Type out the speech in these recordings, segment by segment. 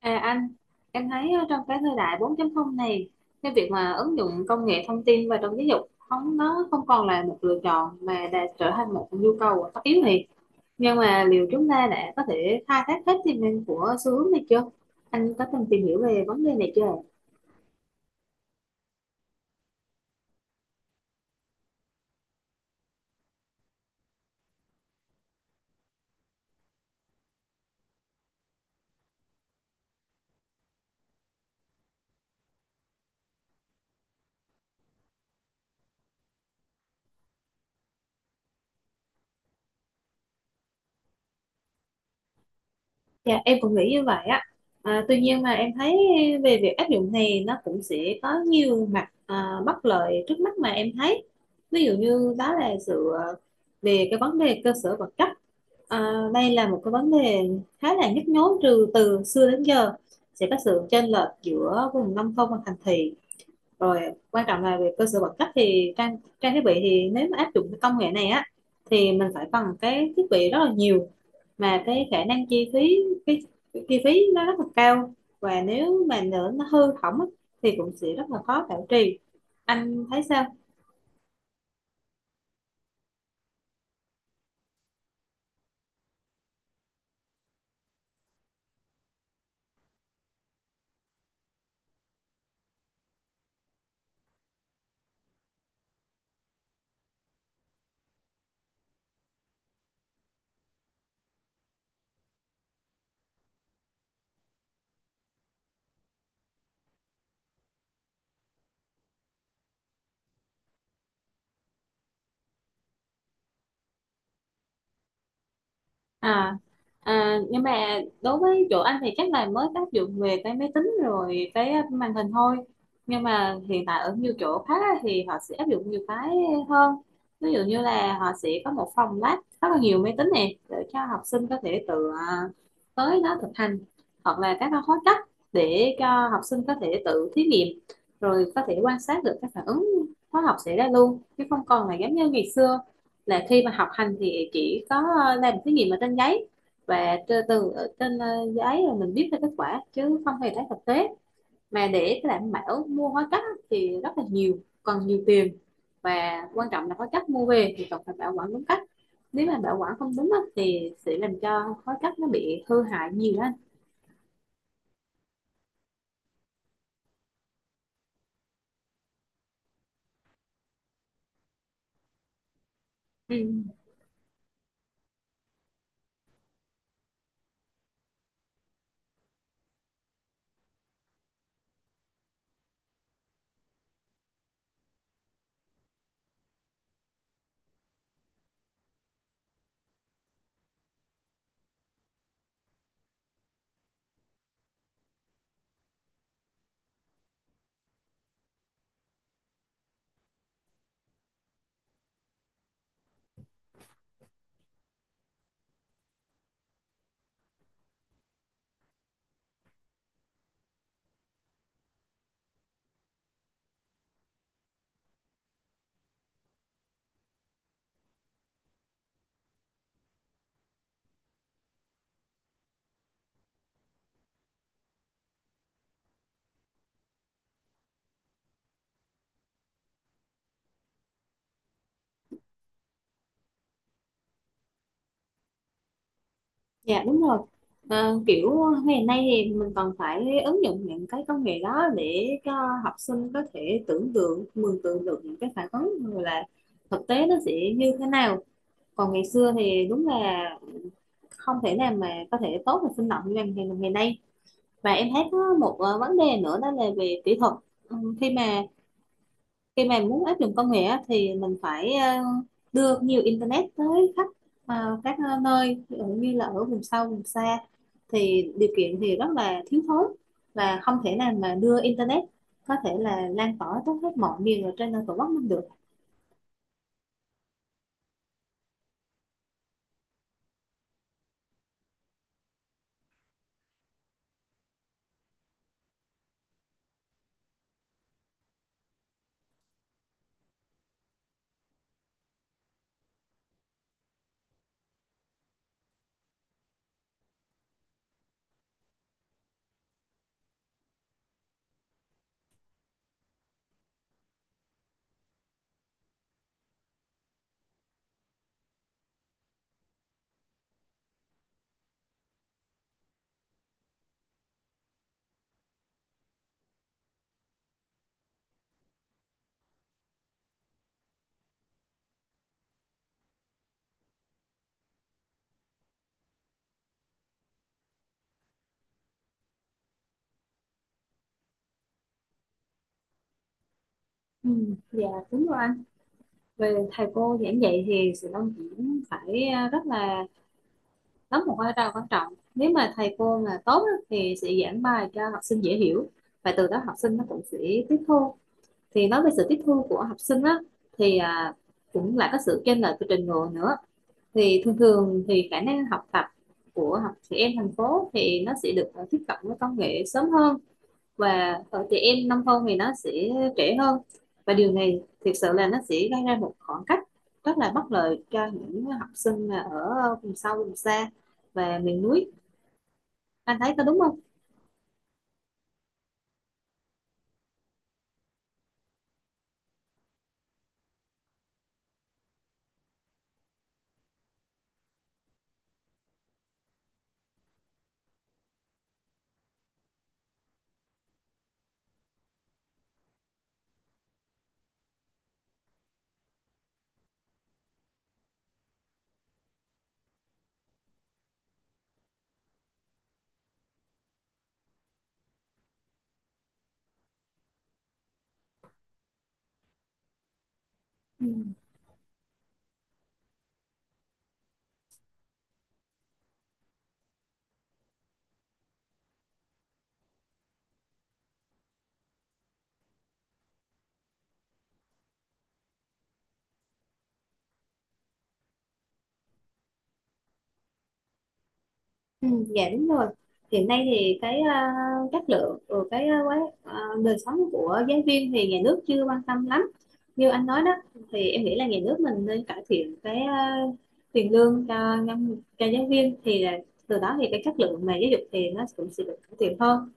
À anh, em thấy trong cái thời đại 4.0 này, cái việc mà ứng dụng công nghệ thông tin vào trong giáo dục không nó không còn là một lựa chọn mà đã trở thành một nhu cầu tất yếu này. Nhưng mà liệu chúng ta đã có thể khai thác hết tiềm năng của xu hướng này chưa? Anh có từng tìm hiểu về vấn đề này chưa? Dạ em cũng nghĩ như vậy á. À, tuy nhiên mà em thấy về việc áp dụng này nó cũng sẽ có nhiều mặt bất lợi trước mắt mà em thấy. Ví dụ như đó là sự về cái vấn đề cơ sở vật chất. À, đây là một cái vấn đề khá là nhức nhối từ từ xưa đến giờ, sẽ có sự chênh lệch giữa vùng nông thôn và thành thị, rồi quan trọng là về cơ sở vật chất thì trang trang thiết bị thì nếu mà áp dụng cái công nghệ này á thì mình phải cần cái thiết bị rất là nhiều, mà cái khả năng chi phí, cái, cái chi phí nó rất là cao, và nếu mà nữa nó hư hỏng á, thì cũng sẽ rất là khó bảo trì. Anh thấy sao? à, À nhưng mà đối với chỗ anh thì chắc là mới áp dụng về cái máy tính rồi cái màn hình thôi, nhưng mà hiện tại ở nhiều chỗ khác á, thì họ sẽ áp dụng nhiều cái hơn. Ví dụ như là họ sẽ có một phòng lab rất là nhiều máy tính này để cho học sinh có thể tự tới đó thực hành, hoặc là các cái khóa cách để cho học sinh có thể tự thí nghiệm, rồi có thể quan sát được các phản ứng hóa học xảy ra luôn, chứ không còn là giống như ngày xưa là khi mà học hành thì chỉ có làm thí nghiệm ở trên giấy, và từ từ ở trên giấy rồi mình viết ra kết quả chứ không hề thấy thực tế. Mà để cái đảm bảo mua hóa chất á, thì rất là nhiều, cần nhiều tiền, và quan trọng là hóa chất mua về thì cần phải bảo quản đúng cách. Nếu mà bảo quản không đúng á, thì sẽ làm cho hóa chất nó bị hư hại nhiều hơn. Ừ. Dạ đúng rồi. Ờ, kiểu ngày nay thì mình còn phải ứng dụng những cái công nghệ đó để cho học sinh có thể tưởng tượng, mường tượng được những cái phản ứng rồi là thực tế nó sẽ như thế nào. Còn ngày xưa thì đúng là không thể nào mà có thể tốt và sinh động như ngày ngày ngày nay. Và em thấy có một vấn đề nữa đó là về kỹ thuật. Ừ, khi mà muốn áp dụng công nghệ á, thì mình phải đưa nhiều internet tới khắp các nơi, ví dụ như là ở vùng sâu vùng xa thì điều kiện thì rất là thiếu thốn, và không thể nào mà đưa internet có thể là lan tỏa tới hết mọi miền ở trên tổ quốc mình được. Ừ, dạ đúng rồi anh. Về thầy cô giảng dạy thì sự đông diễn phải rất là đóng một vai trò quan trọng. Nếu mà thầy cô mà tốt á, thì sẽ giảng bài cho học sinh dễ hiểu, và từ đó học sinh nó cũng sẽ tiếp thu. Thì nói về sự tiếp thu của học sinh á thì cũng là có sự chênh lệch về trình độ nữa. Thì thường thường thì khả năng học tập của học trẻ em thành phố thì nó sẽ được tiếp cận với công nghệ sớm hơn, và ở trẻ em nông thôn thì nó sẽ trễ hơn. Và điều này thực sự là nó sẽ gây ra một khoảng cách rất là bất lợi cho những học sinh mà ở vùng sâu vùng xa và miền núi. Anh thấy có đúng không? Ừ. Ừ, dạ đúng rồi. Hiện nay thì cái chất lượng của cái đời sống của giáo viên thì nhà nước chưa quan tâm lắm. Như anh nói đó thì em nghĩ là nhà nước mình nên cải thiện cái tiền lương cho nhân cho giáo viên, thì là từ đó thì cái chất lượng mà giáo dục thì nó cũng sẽ được cải thiện hơn.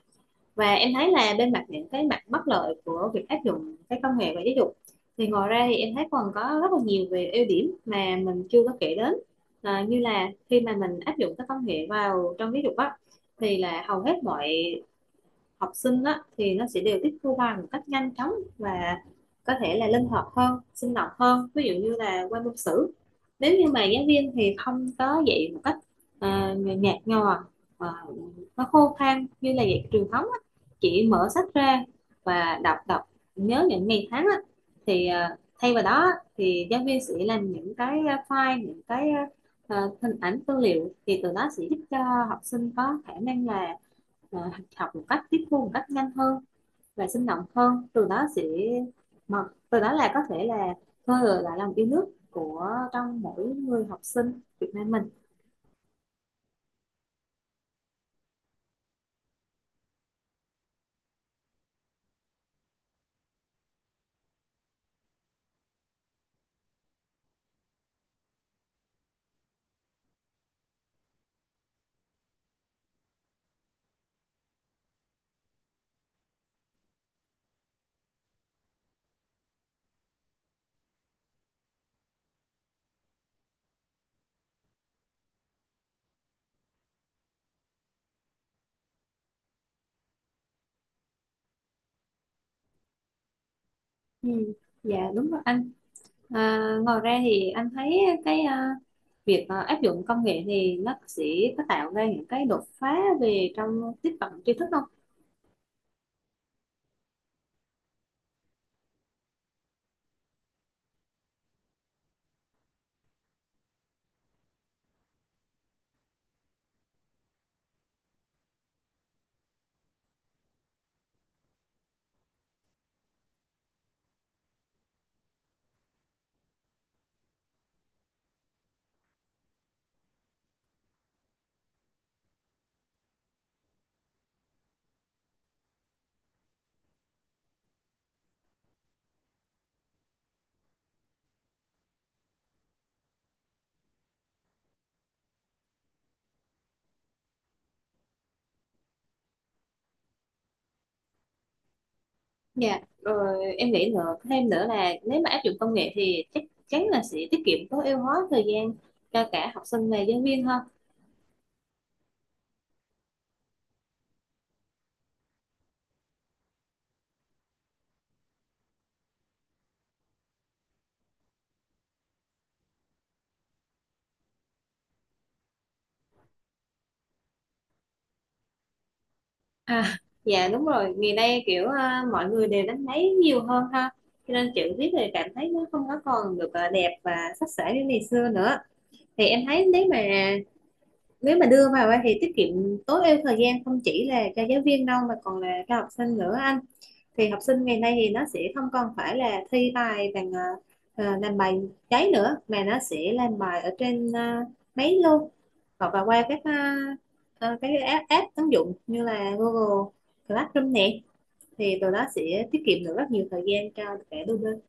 Và em thấy là bên mặt những cái mặt bất lợi của việc áp dụng cái công nghệ và giáo dục thì ngoài ra thì em thấy còn có rất là nhiều về ưu điểm mà mình chưa có kể đến. À, như là khi mà mình áp dụng các công nghệ vào trong giáo dục á thì là hầu hết mọi học sinh á, thì nó sẽ đều tiếp thu bài một cách nhanh chóng, và có thể là linh hoạt hơn, sinh động hơn. Ví dụ như là qua môn sử. Nếu như mà giáo viên thì không có dạy một cách nhạt nhòa, à, nó khô khan như là dạy truyền thống á, chỉ mở sách ra và đọc đọc nhớ những ngày tháng á, thì thay vào đó thì giáo viên sẽ làm những cái file, những cái hình ảnh tư liệu, thì từ đó sẽ giúp cho học sinh có khả năng là ờ, học một cách, tiếp thu một cách nhanh hơn và sinh động hơn, từ đó sẽ mà từ đó là có thể là khơi gợi lại lòng yêu nước của trong mỗi người học sinh Việt Nam mình. Ừ. Dạ đúng rồi anh. À, ngoài ra thì anh thấy cái việc áp dụng công nghệ thì nó sẽ có tạo ra những cái đột phá về trong tiếp cận tri thức không? Dạ rồi em nghĩ nữa, thêm nữa là nếu mà áp dụng công nghệ thì chắc chắn là sẽ tiết kiệm, tối ưu hóa thời gian cho cả học sinh và giáo viên hơn. Dạ đúng rồi, ngày nay kiểu mọi người đều đánh máy nhiều hơn ha. Cho nên chữ viết thì cảm thấy nó không có còn được đẹp và sắc sảo như ngày xưa nữa. Thì em thấy nếu mà đưa vào á thì tiết kiệm, tối ưu thời gian không chỉ là cho giáo viên đâu mà còn là cho học sinh nữa anh. Thì học sinh ngày nay thì nó sẽ không còn phải là thi bài bằng làm bài giấy nữa, mà nó sẽ làm bài ở trên máy luôn, hoặc là qua các cái app ứng dụng như là Google Classroom nè, thì từ đó sẽ tiết kiệm được rất nhiều thời gian cho cả đôi bên.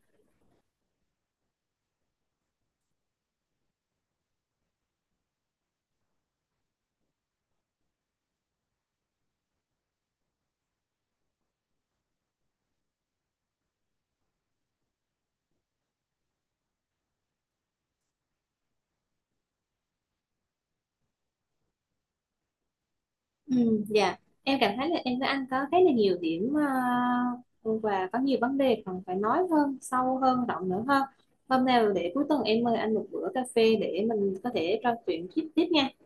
Ừ, dạ em cảm thấy là em với anh có khá là nhiều điểm ờ, và có nhiều vấn đề cần phải nói hơn, sâu hơn, rộng nữa hơn. Hôm nào để cuối tuần em mời anh một bữa cà phê để mình có thể trò chuyện tiếp tiếp nha.